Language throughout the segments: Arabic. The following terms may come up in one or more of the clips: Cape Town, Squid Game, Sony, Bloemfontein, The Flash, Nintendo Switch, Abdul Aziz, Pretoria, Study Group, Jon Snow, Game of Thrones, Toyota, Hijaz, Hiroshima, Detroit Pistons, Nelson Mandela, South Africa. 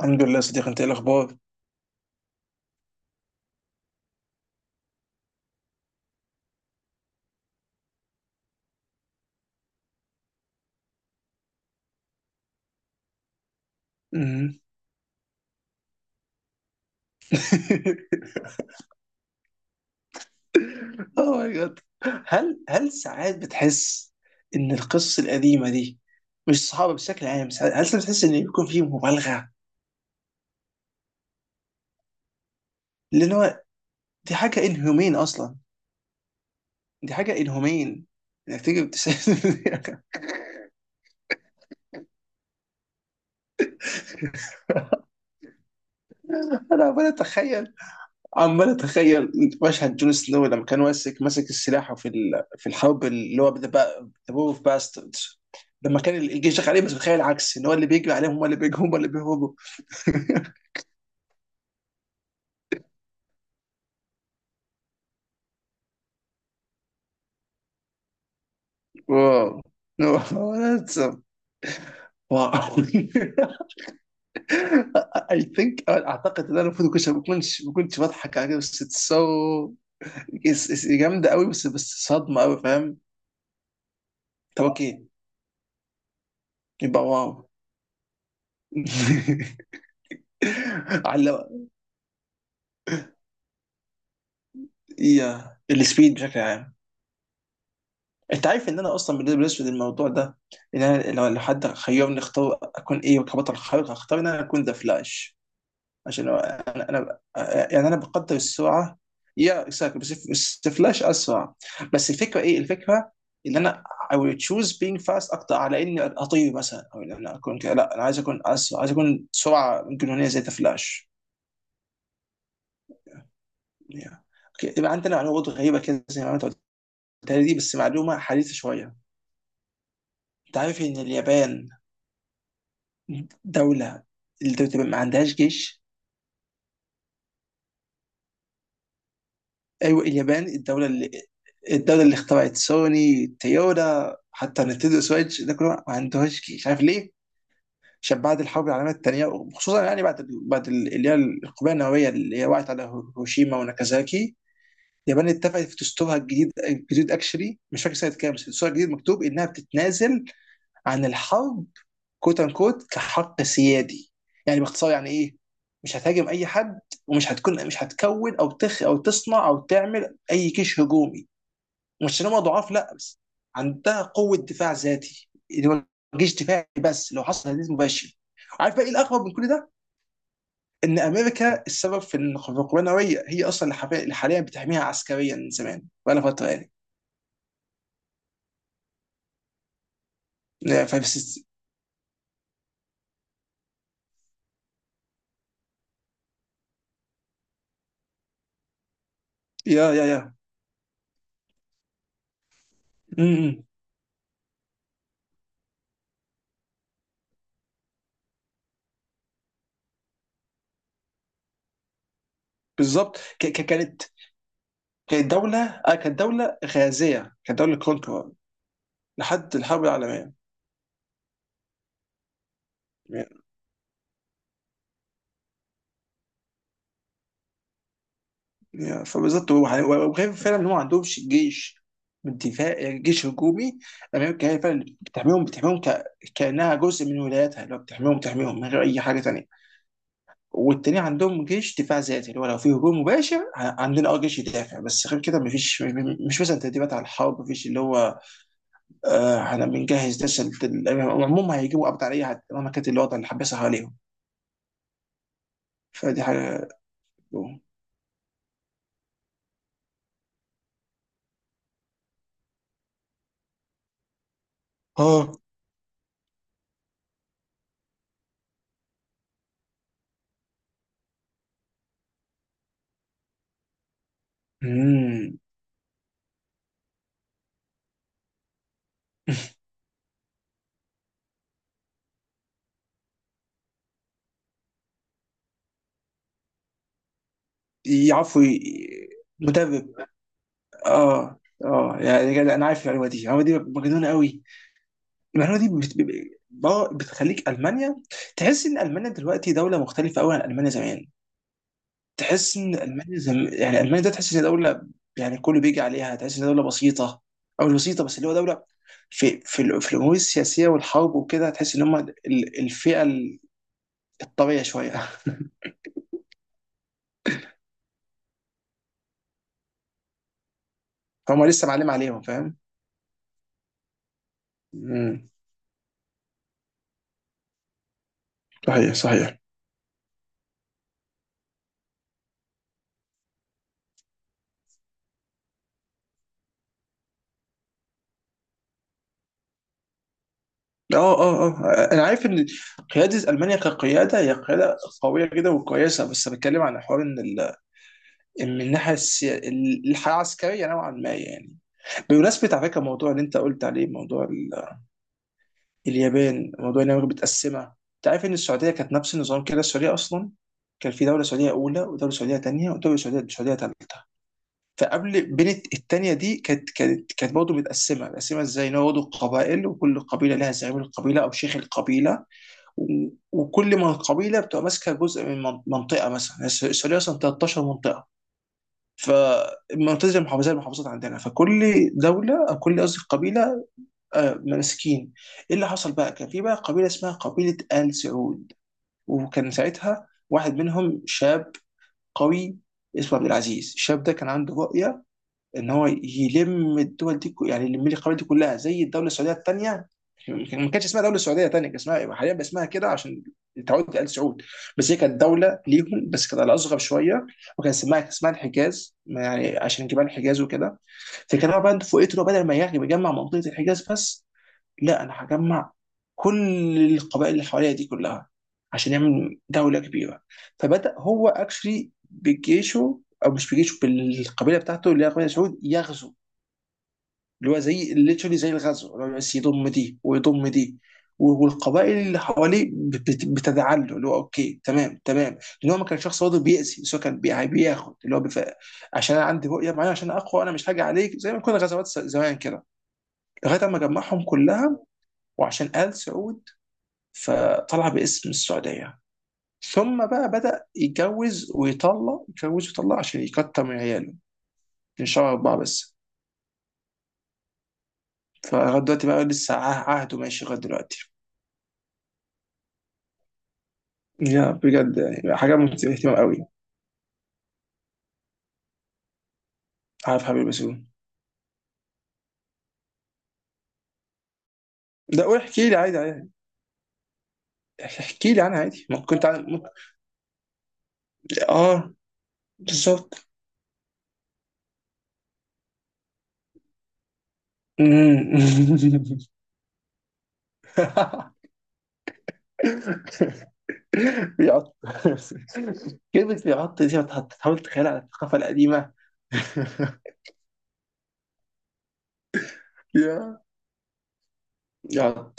الحمد لله يا صديقي، انت ايه الاخبار؟ مم. اوه ماي جاد! هل ساعات بتحس ان القصص القديمه دي، مش صحابه بشكل عام، هل ساعات بتحس ان يكون فيه مبالغه؟ لان هو دي حاجه انهمين اصلا، دي حاجه انهمين، انك تيجي بتسأل- انا عمال اتخيل، عمال اتخيل مشهد جون سنو لما كان ماسك السلاح في الحرب، اللي هو ذا وور اوف باستردز، لما كان الجيش داخل عليه، بس بتخيل العكس، ان هو اللي بيجري عليهم، هم اللي بيجوا، هم اللي بيهربوا. واو، واو that's- a- واو. I think، اعتقد ان انا المفروض كنت ما كنتش بضحك على كده، بس it's جامده قوي، بس صدمه قوي، فاهم. طب اوكي، يبقى واو. على، يا السبيد بشكل عام. انت عارف ان انا اصلا بالنسبه للاسود الموضوع ده، ان انا لو حد خيرني اختار اكون ايه كبطل خارق، هختار ان انا اكون ذا فلاش. انا يعني انا بقدر السرعه. يا اكزاكتلي، بس ذا فلاش اسرع. بس الفكره ايه الفكره، ان انا I will choose being fast اكتر على اني اطير مثلا، او ان انا اكون كده، لا انا عايز اكون اسرع، عايز اكون سرعه جنونيه زي ذا فلاش. yeah. اوكي، يبقى عندنا معلومه برضه غريبه كده زي ما انت قلتها لي دي، بس معلومه حديثه شويه. انت عارف ان اليابان دولة، الدولة تبقى ما عندهاش جيش. أيوة اليابان، الدولة اللي، الدولة اللي اخترعت سوني، تويوتا، حتى نتندو سويتش، ده كله ما عندهاش جيش. عارف ليه؟ عشان بعد الحرب العالمية التانية، وخصوصا يعني اللي هي القنبلة النووية، اللي هي وقعت على هيروشيما وناكازاكي. اليابان اتفقت في دستورها الجديد اكشلي مش فاكر سنة كام، بس دستورها الجديد مكتوب انها بتتنازل عن الحرب، كوت ان كوت، كحق سيادي. يعني باختصار يعني ايه، مش هتهاجم اي حد، ومش هتكون مش هتكون او تصنع او تعمل اي جيش هجومي. مش ان هم ضعاف، لا، بس عندها قوه دفاع ذاتي اللي هو جيش دفاعي، بس لو حصل تهديد مباشر. عارف بقى ايه الاغرب من كل ده؟ ان امريكا السبب في ان، في القوه النوويه، هي اصلا اللي حاليا بتحميها عسكريا من زمان، بقى لها فتره يعني. لا، فبس. يا يا يا. م-. م. بالظبط كانت كانت دولة، آه كانت دولة غازية، كانت دولة كونكرر لحد الحرب العالمية، يعني-. فبالظبط، هو وغير فعلا إن هو ما عندهمش جيش دفاع، جيش هجومي، أمريكا هي فعلا اللي بتحميهم ك...، كأنها جزء من ولاياتها، اللي هو بتحميهم من غير أي حاجة تانية. والتاني عندهم جيش دفاع ذاتي اللي هو لو في هجوم مباشر، عندنا اه جيش يدافع، بس غير كده مفيش مش مثلا تدريبات على الحرب، مفيش اللي هو آه، احنا بنجهز ده عموما هيجيبوا قبض على اي حد مهما كانت الوضع اللي حبسها عليهم. فدي حاجة. اه. امم. يعرفوا ي- مدرب. اه اه، يعني جدع، انا عارف المعلومه دي، المعلومه دي مجنونه قوي. المعلومه دي بتخليك المانيا تحس ان المانيا دلوقتي دوله مختلفه قوي عن المانيا زمان. تحس ان المانيا زم...، يعني المانيا ده، تحس ان دوله يعني كله بيجي عليها، تحس ان دوله بسيطه، او مش بسيطه، بس اللي هو دوله في في الامور السياسيه والحرب وكده، تحس ان هم ال-، الفئه الطريه شويه. هم لسه معلم عليهم، فاهم؟ مم. صحيح صحيح. اه اه اه، انا عارف ان قياده المانيا كقياده هي قياده قويه جدا وكويسه، بس بتكلم عن حوار ان ال...، إن من الحياه العسكريه نوعا ما يعني. بمناسبه، على فكره، الموضوع اللي انت قلت عليه، موضوع ال... اليابان، موضوع ان امريكا متقسمه. انت عارف ان السعوديه كانت نفس النظام كده؟ السعوديه اصلا كان في دوله سعوديه اولى، ودوله سعوديه ثانيه، ودوله سعوديه ثالثه. فقبل، بين، الثانيه دي كانت كانت برضه متقسمه. متقسمه ازاي؟ ان هو برضه قبائل، وكل قبيله لها زعيم القبيله او شيخ القبيله، وكل من قبيله بتبقى ماسكه جزء من منطقه مثلا. يعني السعوديه اصلا 13 منطقه، فمنتزه المحافظات زي المحافظات عندنا. فكل دوله او كل، قصدي قبيله، آه، ماسكين. ايه اللي حصل بقى؟ كان في بقى قبيله اسمها قبيله ال سعود. وكان ساعتها واحد منهم شاب قوي اسمه عبد العزيز. الشاب ده كان عنده رؤيه ان هو يلم الدول دي، يعني يلم لي القبائل دي كلها زي الدوله السعوديه الثانيه. ما كانش اسمها دوله سعوديه ثانيه، كان اسمها إيه؟ حاليا بقى اسمها كده عشان تعود ال سعود. بس هي كانت دوله ليهم بس كانت على اصغر شويه. وكان اسمها الحجاز، ما يعني عشان جبال الحجاز وكده. فكان هو بقى فوقيته، بدل ما يجمع منطقه الحجاز بس، لا، انا هجمع كل القبائل اللي حواليا دي كلها عشان يعمل دولة كبيرة. فبدأ هو اكشلي بجيشه، او مش بجيشه، بالقبيلة بتاعته اللي هي قبيلة سعود، يغزو اللي هو زي literally، زي الغزو اللي هو، بس يضم دي ويضم دي. والقبائل اللي حواليه بتدعى له اللي هو اوكي تمام تمام، لان هو ما كان شخص برضه بيأذي، بس هو كان يعني بياخد اللي هو بف...، عشان انا عندي رؤيه معينه عشان اقوى، انا مش هاجي عليك زي ما كنا غزوات زمان كده. لغايه اما جمعهم كلها، وعشان ال سعود، فطلع باسم السعودية. ثم بقى بدأ يتجوز ويطلق، يتجوز ويطلق عشان يكتر من عياله، من شهر أربعة بس. فلغاية دلوقتي بقى لسه عهده ماشي لغاية دلوقتي. يا بجد. يعني حاجة مثيرة اهتمام قوي. عارف حبيبي بسوم. ده قول، احكي لي عادي عادي. احكي لي عنها عادي، ممكن كنت عن... ممكن... اه بالظبط. أمم. بيعط. كلمة بيعط دي، ما تحاول تتخيلها على الثقافة القديمة. يا يا.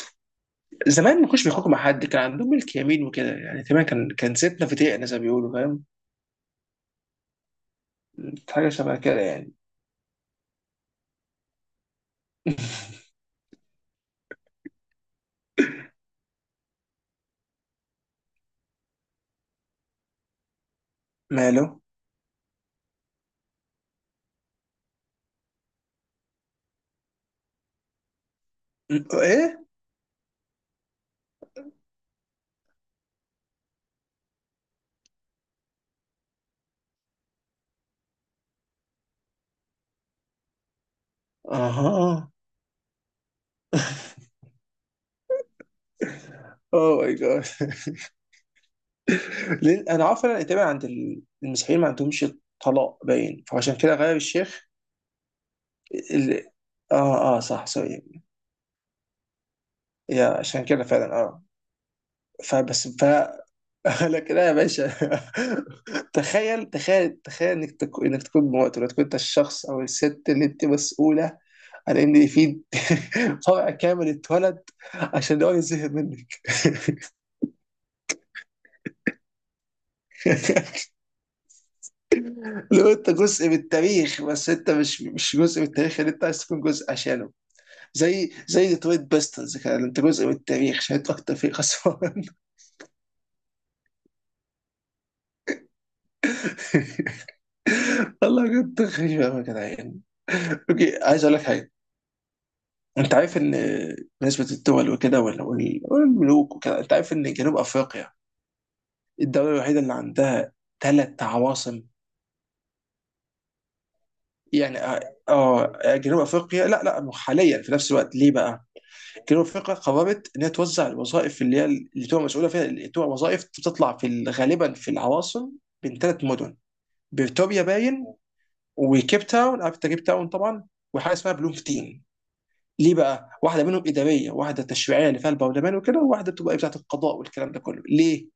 زمان ما كانوش بيخرجوا مع حد، كان عندهم ملك يمين وكده، يعني تقريبا كان كان ستنا في دقيقة زي ما بيقولوا، فاهم؟ حاجة شبه كده يعني. ماله. ايه. اها. اوه ماي جاد. لأن انا عارف ان تقريبا عند المسيحيين ما عندهمش طلاق باين، فعشان كده غير الشيخ ال...، اه اه صح، سوري. يا عشان كده فعلا، اه. فبس. لكن لا يا باشا. تخيل انك تكون مواطن، وتكون انت الشخص او الست اللي انت مسؤوله عن ان في فرع كامل اتولد عشان هو يزهق منك. لو انت جزء من التاريخ، بس انت مش جزء من التاريخ اللي انت عايز تكون جزء عشانه، زي ديترويت بيستنز كده، انت جزء من التاريخ عشان انت اكتر فريق خسران. والله بجد، خير يا جدعان. اوكي عايز اقول لك حاجه. انت عارف ان بالنسبه للدول وكده، والملوك وكده، انت عارف ان جنوب افريقيا الدوله الوحيده اللي عندها ثلاث عواصم. يعني اه، آه، جنوب افريقيا لا حاليا في نفس الوقت. ليه بقى؟ جنوب افريقيا قررت انها توزع الوظائف اللي هي اللي تبقى مسؤوله فيها، اللي تبقى وظائف بتطلع في غالبا في العواصم، بين ثلاث مدن. بريتوريا باين، وكيب تاون، عارف انت كيب تاون طبعا، وحاجه اسمها بلومفتين. ليه بقى؟ واحده منهم اداريه، واحده تشريعيه اللي فيها البرلمان وكده، وواحده بتبقى إيه بتاعه القضاء والكلام ده كله، ليه؟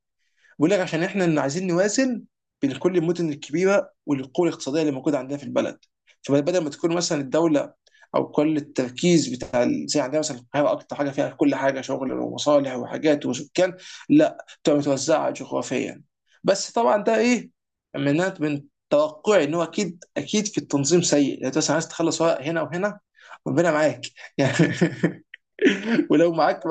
بيقول لك عشان احنا اللي عايزين نوازن بين كل المدن الكبيره والقوه الاقتصاديه اللي موجوده عندنا في البلد. فبدل ما تكون مثلا الدوله او كل التركيز بتاع زي عندنا مثلا القاهره، اكتر حاجه فيها كل حاجه شغل ومصالح وحاجات وسكان، لا تبقى متوزعه جغرافيا. بس طبعا ده ايه، من توقعي ان هو اكيد اكيد في التنظيم سيء، يعني انت مثلا عايز تخلص ورق هنا وهنا، ربنا معاك يعني. ولو معاك.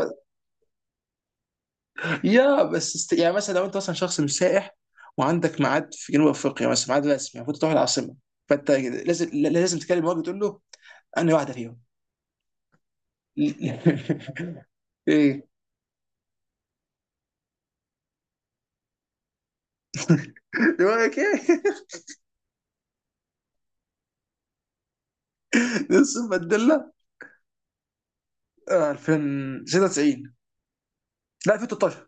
يا بس است...، يعني مثلا لو انت مثلا شخص مش سائح وعندك ميعاد في جنوب افريقيا مثلا، ميعاد رسمي، المفروض تروح العاصمه، فانت لازم تكلم الراجل تقول له انا واحده فيهم. ايه دماغك ايه. نلسون مانديلا، آه، 2096، لا 2013.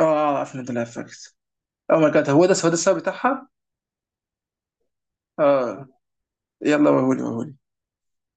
اه 2013 فاكت. او ماي جاد، هو ده السبب بتاعها. اه، يلا، وهولي وهولي.